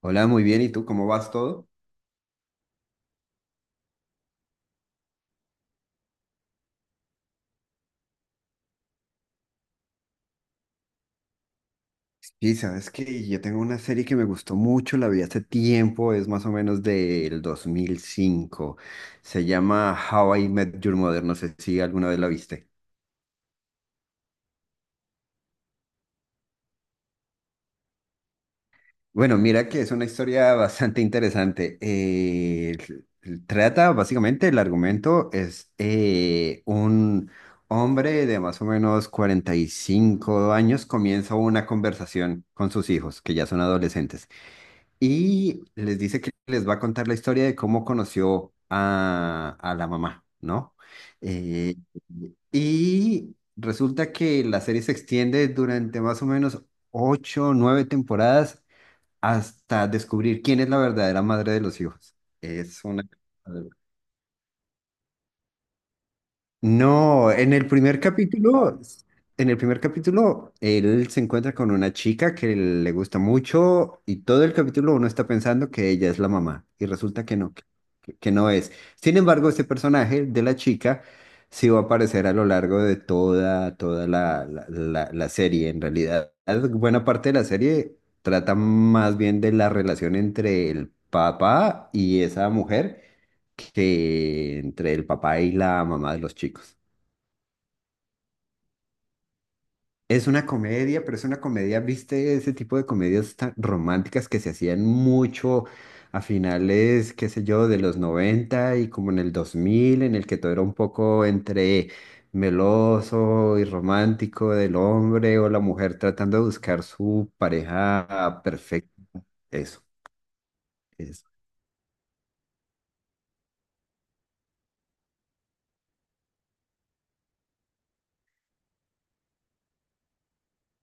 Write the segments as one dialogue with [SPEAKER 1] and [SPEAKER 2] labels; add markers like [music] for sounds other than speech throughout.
[SPEAKER 1] Hola, muy bien. ¿Y tú cómo vas todo? Sí, sabes que yo tengo una serie que me gustó mucho, la vi hace tiempo, es más o menos del 2005. Se llama How I Met Your Mother, no sé si alguna vez la viste. Bueno, mira que es una historia [laughs] bastante interesante. Trata básicamente el argumento es un hombre de más o menos 45 años comienza una conversación con sus hijos, que ya son adolescentes. Y les dice que les va a contar la historia de cómo conoció a la mamá, ¿no? Eh, y resulta que la serie se extiende durante más o menos ocho o nueve temporadas hasta descubrir quién es la verdadera madre de los hijos. Es una. No, en el primer capítulo, él se encuentra con una chica que le gusta mucho y todo el capítulo uno está pensando que ella es la mamá y resulta que no, que no es. Sin embargo, ese personaje de la chica sí va a aparecer a lo largo de toda la serie. En realidad, buena parte de la serie trata más bien de la relación entre el papá y esa mujer que entre el papá y la mamá de los chicos. Es una comedia, pero es una comedia, ¿viste? Ese tipo de comedias tan románticas que se hacían mucho a finales, qué sé yo, de los 90 y como en el 2000 en el que todo era un poco entre meloso y romántico del hombre o la mujer tratando de buscar su pareja perfecta. Eso, eso.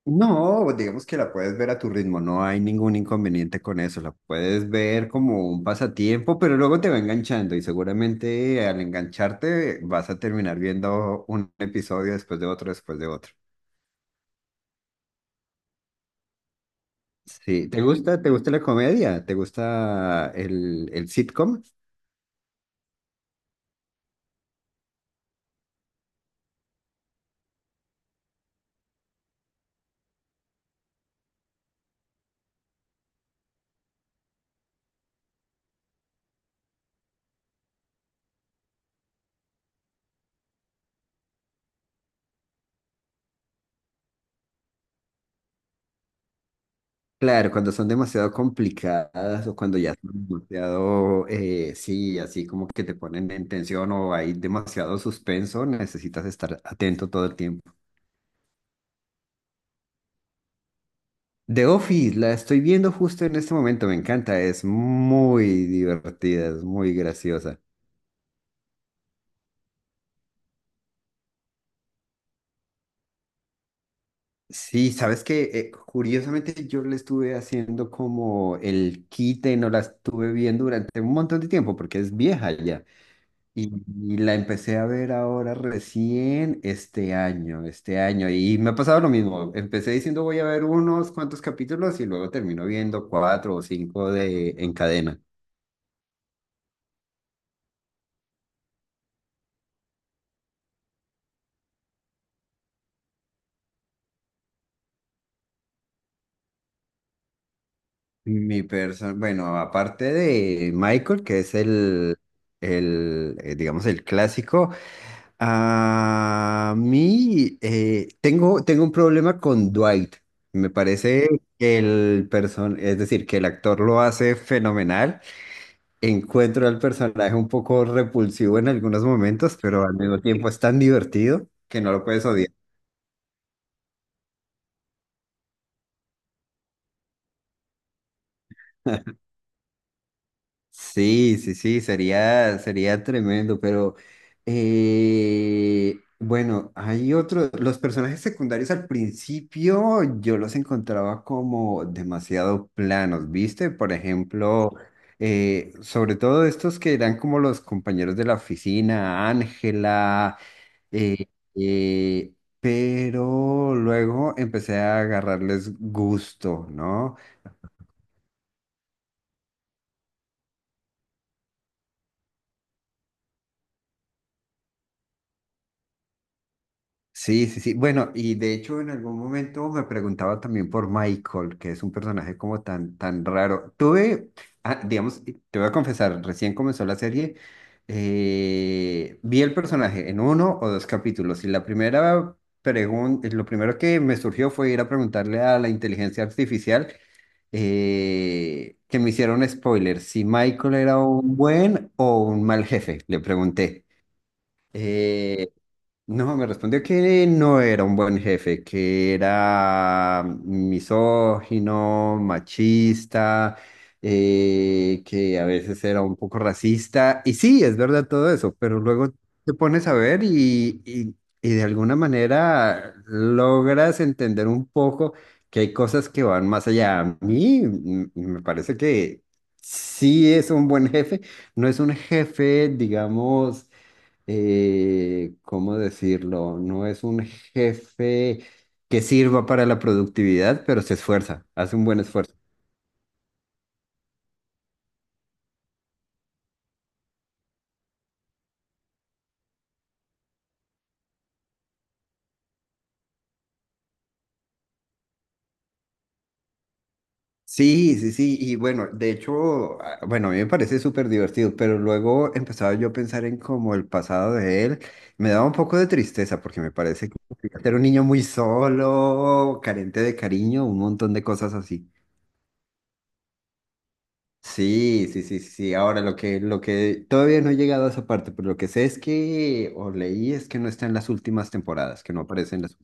[SPEAKER 1] No, digamos que la puedes ver a tu ritmo, no hay ningún inconveniente con eso, la puedes ver como un pasatiempo, pero luego te va enganchando y seguramente al engancharte vas a terminar viendo un episodio después de otro, después de otro. Sí, ¿te gusta? ¿Te gusta la comedia? ¿Te gusta el sitcom? Claro, cuando son demasiado complicadas o cuando ya son demasiado, sí, así como que te ponen en tensión o hay demasiado suspenso, necesitas estar atento todo el tiempo. The Office, la estoy viendo justo en este momento, me encanta, es muy divertida, es muy graciosa. Sí, sabes que curiosamente yo le estuve haciendo como el quite, no la estuve viendo durante un montón de tiempo porque es vieja ya. Y, y la empecé a ver ahora recién este año, este año. Y me ha pasado lo mismo. Empecé diciendo voy a ver unos cuantos capítulos y luego termino viendo cuatro o cinco de en cadena. Mi persona, bueno, aparte de Michael, que es el, digamos, el clásico, a mí tengo un problema con Dwight. Me parece es decir, que el actor lo hace fenomenal. Encuentro al personaje un poco repulsivo en algunos momentos, pero al mismo tiempo es tan divertido que no lo puedes odiar. [laughs] Sí, sí, sí, sería tremendo, pero bueno, hay otros, los personajes secundarios al principio yo los encontraba como demasiado planos, ¿viste? Por ejemplo, sobre todo estos que eran como los compañeros de la oficina, Ángela, eh, eh, pero luego empecé a agarrarles gusto, ¿no? Sí, sí, sí. Bueno, y de hecho en algún momento me preguntaba también por Michael, que es un personaje como tan, tan raro. Digamos, te voy a confesar, recién comenzó la serie, vi el personaje en uno o dos capítulos y la primera pregunta, lo primero que me surgió fue ir a preguntarle a la inteligencia artificial que me hicieron spoiler, si Michael era un buen o un mal jefe, le pregunté. Eh, no, me respondió que no era un buen jefe, que era misógino, machista, que a veces era un poco racista. Y sí, es verdad todo eso, pero luego te pones a ver y de alguna manera logras entender un poco que hay cosas que van más allá. A mí me parece que sí es un buen jefe, no es un jefe, digamos ¿cómo decirlo? No es un jefe que sirva para la productividad, pero se esfuerza, hace un buen esfuerzo. Sí, sí, sí, y bueno, de hecho, bueno, a mí me parece súper divertido, pero luego empezaba yo a pensar en como el pasado de él, me daba un poco de tristeza porque me parece que era un niño muy solo, carente de cariño, un montón de cosas así. Sí, sí, sí, sí. Ahora lo que todavía no he llegado a esa parte, pero lo que sé es que, o leí, es que no está en las últimas temporadas, que no aparece en las.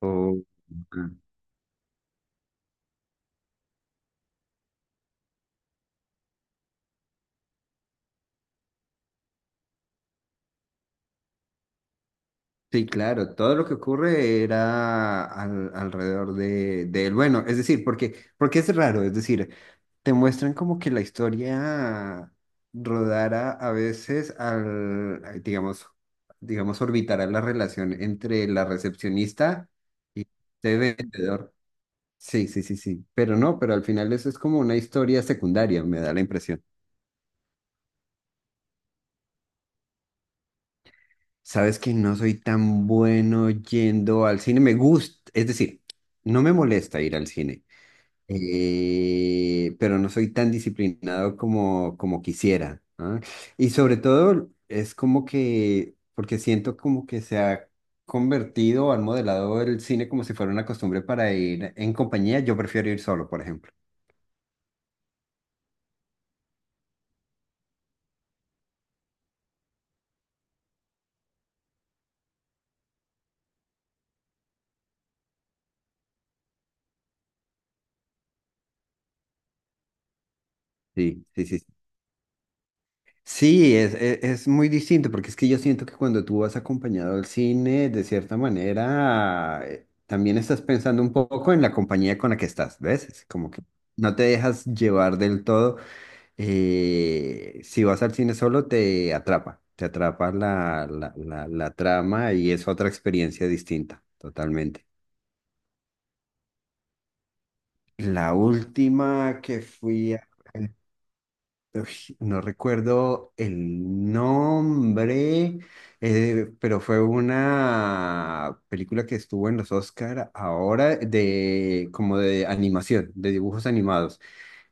[SPEAKER 1] o- ah, Sí, claro, todo lo que ocurre era alrededor de él. Bueno, es decir, porque es raro, es decir, te muestran como que la historia rodara a veces digamos, orbitará la relación entre la recepcionista y este vendedor. Sí, sí, sí, sí. Pero no, pero al final eso es como una historia secundaria, me da la impresión. Sabes que no soy tan bueno yendo al cine. Me gusta, es decir, no me molesta ir al cine, pero no soy tan disciplinado como quisiera. ¿Ah? Y sobre todo es como que, porque siento como que se ha convertido o han modelado el cine como si fuera una costumbre para ir en compañía. Yo prefiero ir solo, por ejemplo. Sí, sí, sí. Sí, es muy distinto, porque es que yo siento que cuando tú vas acompañado al cine, de cierta manera, también estás pensando un poco en la compañía con la que estás, ¿ves? Es como que no te dejas llevar del todo. Si vas al cine solo, te atrapa la trama y es otra experiencia distinta, totalmente. La última que fui a. Uy, no recuerdo el nombre, pero fue una película que estuvo en los Oscar ahora de como de animación, de dibujos animados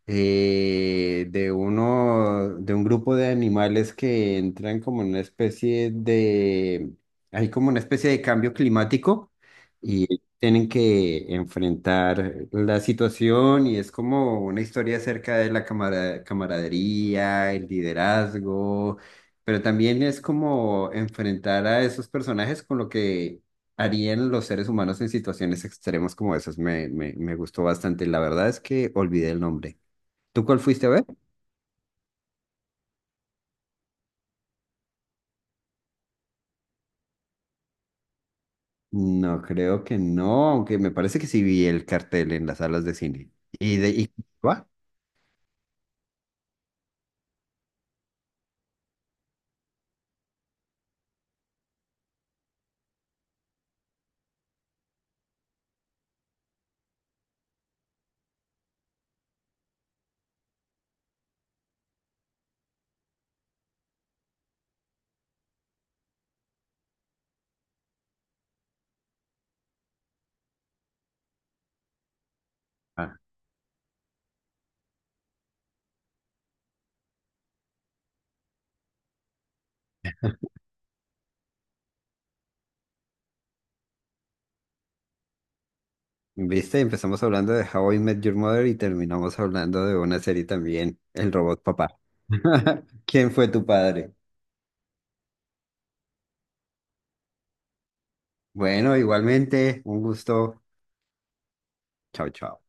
[SPEAKER 1] de un grupo de animales que entran como en una especie hay como una especie de cambio climático y tienen que enfrentar la situación y es como una historia acerca de la camaradería, el liderazgo, pero también es como enfrentar a esos personajes con lo que harían los seres humanos en situaciones extremas como esas. Me gustó bastante. La verdad es que olvidé el nombre. ¿Tú cuál fuiste a ver? No, creo que no, aunque me parece que sí vi el cartel en las salas de cine. ¿Y va? Ah, ¿Viste? Empezamos hablando de How I Met Your Mother y terminamos hablando de una serie también, El Robot Papá. ¿Quién fue tu padre? Bueno, igualmente, un gusto. Chao, chao.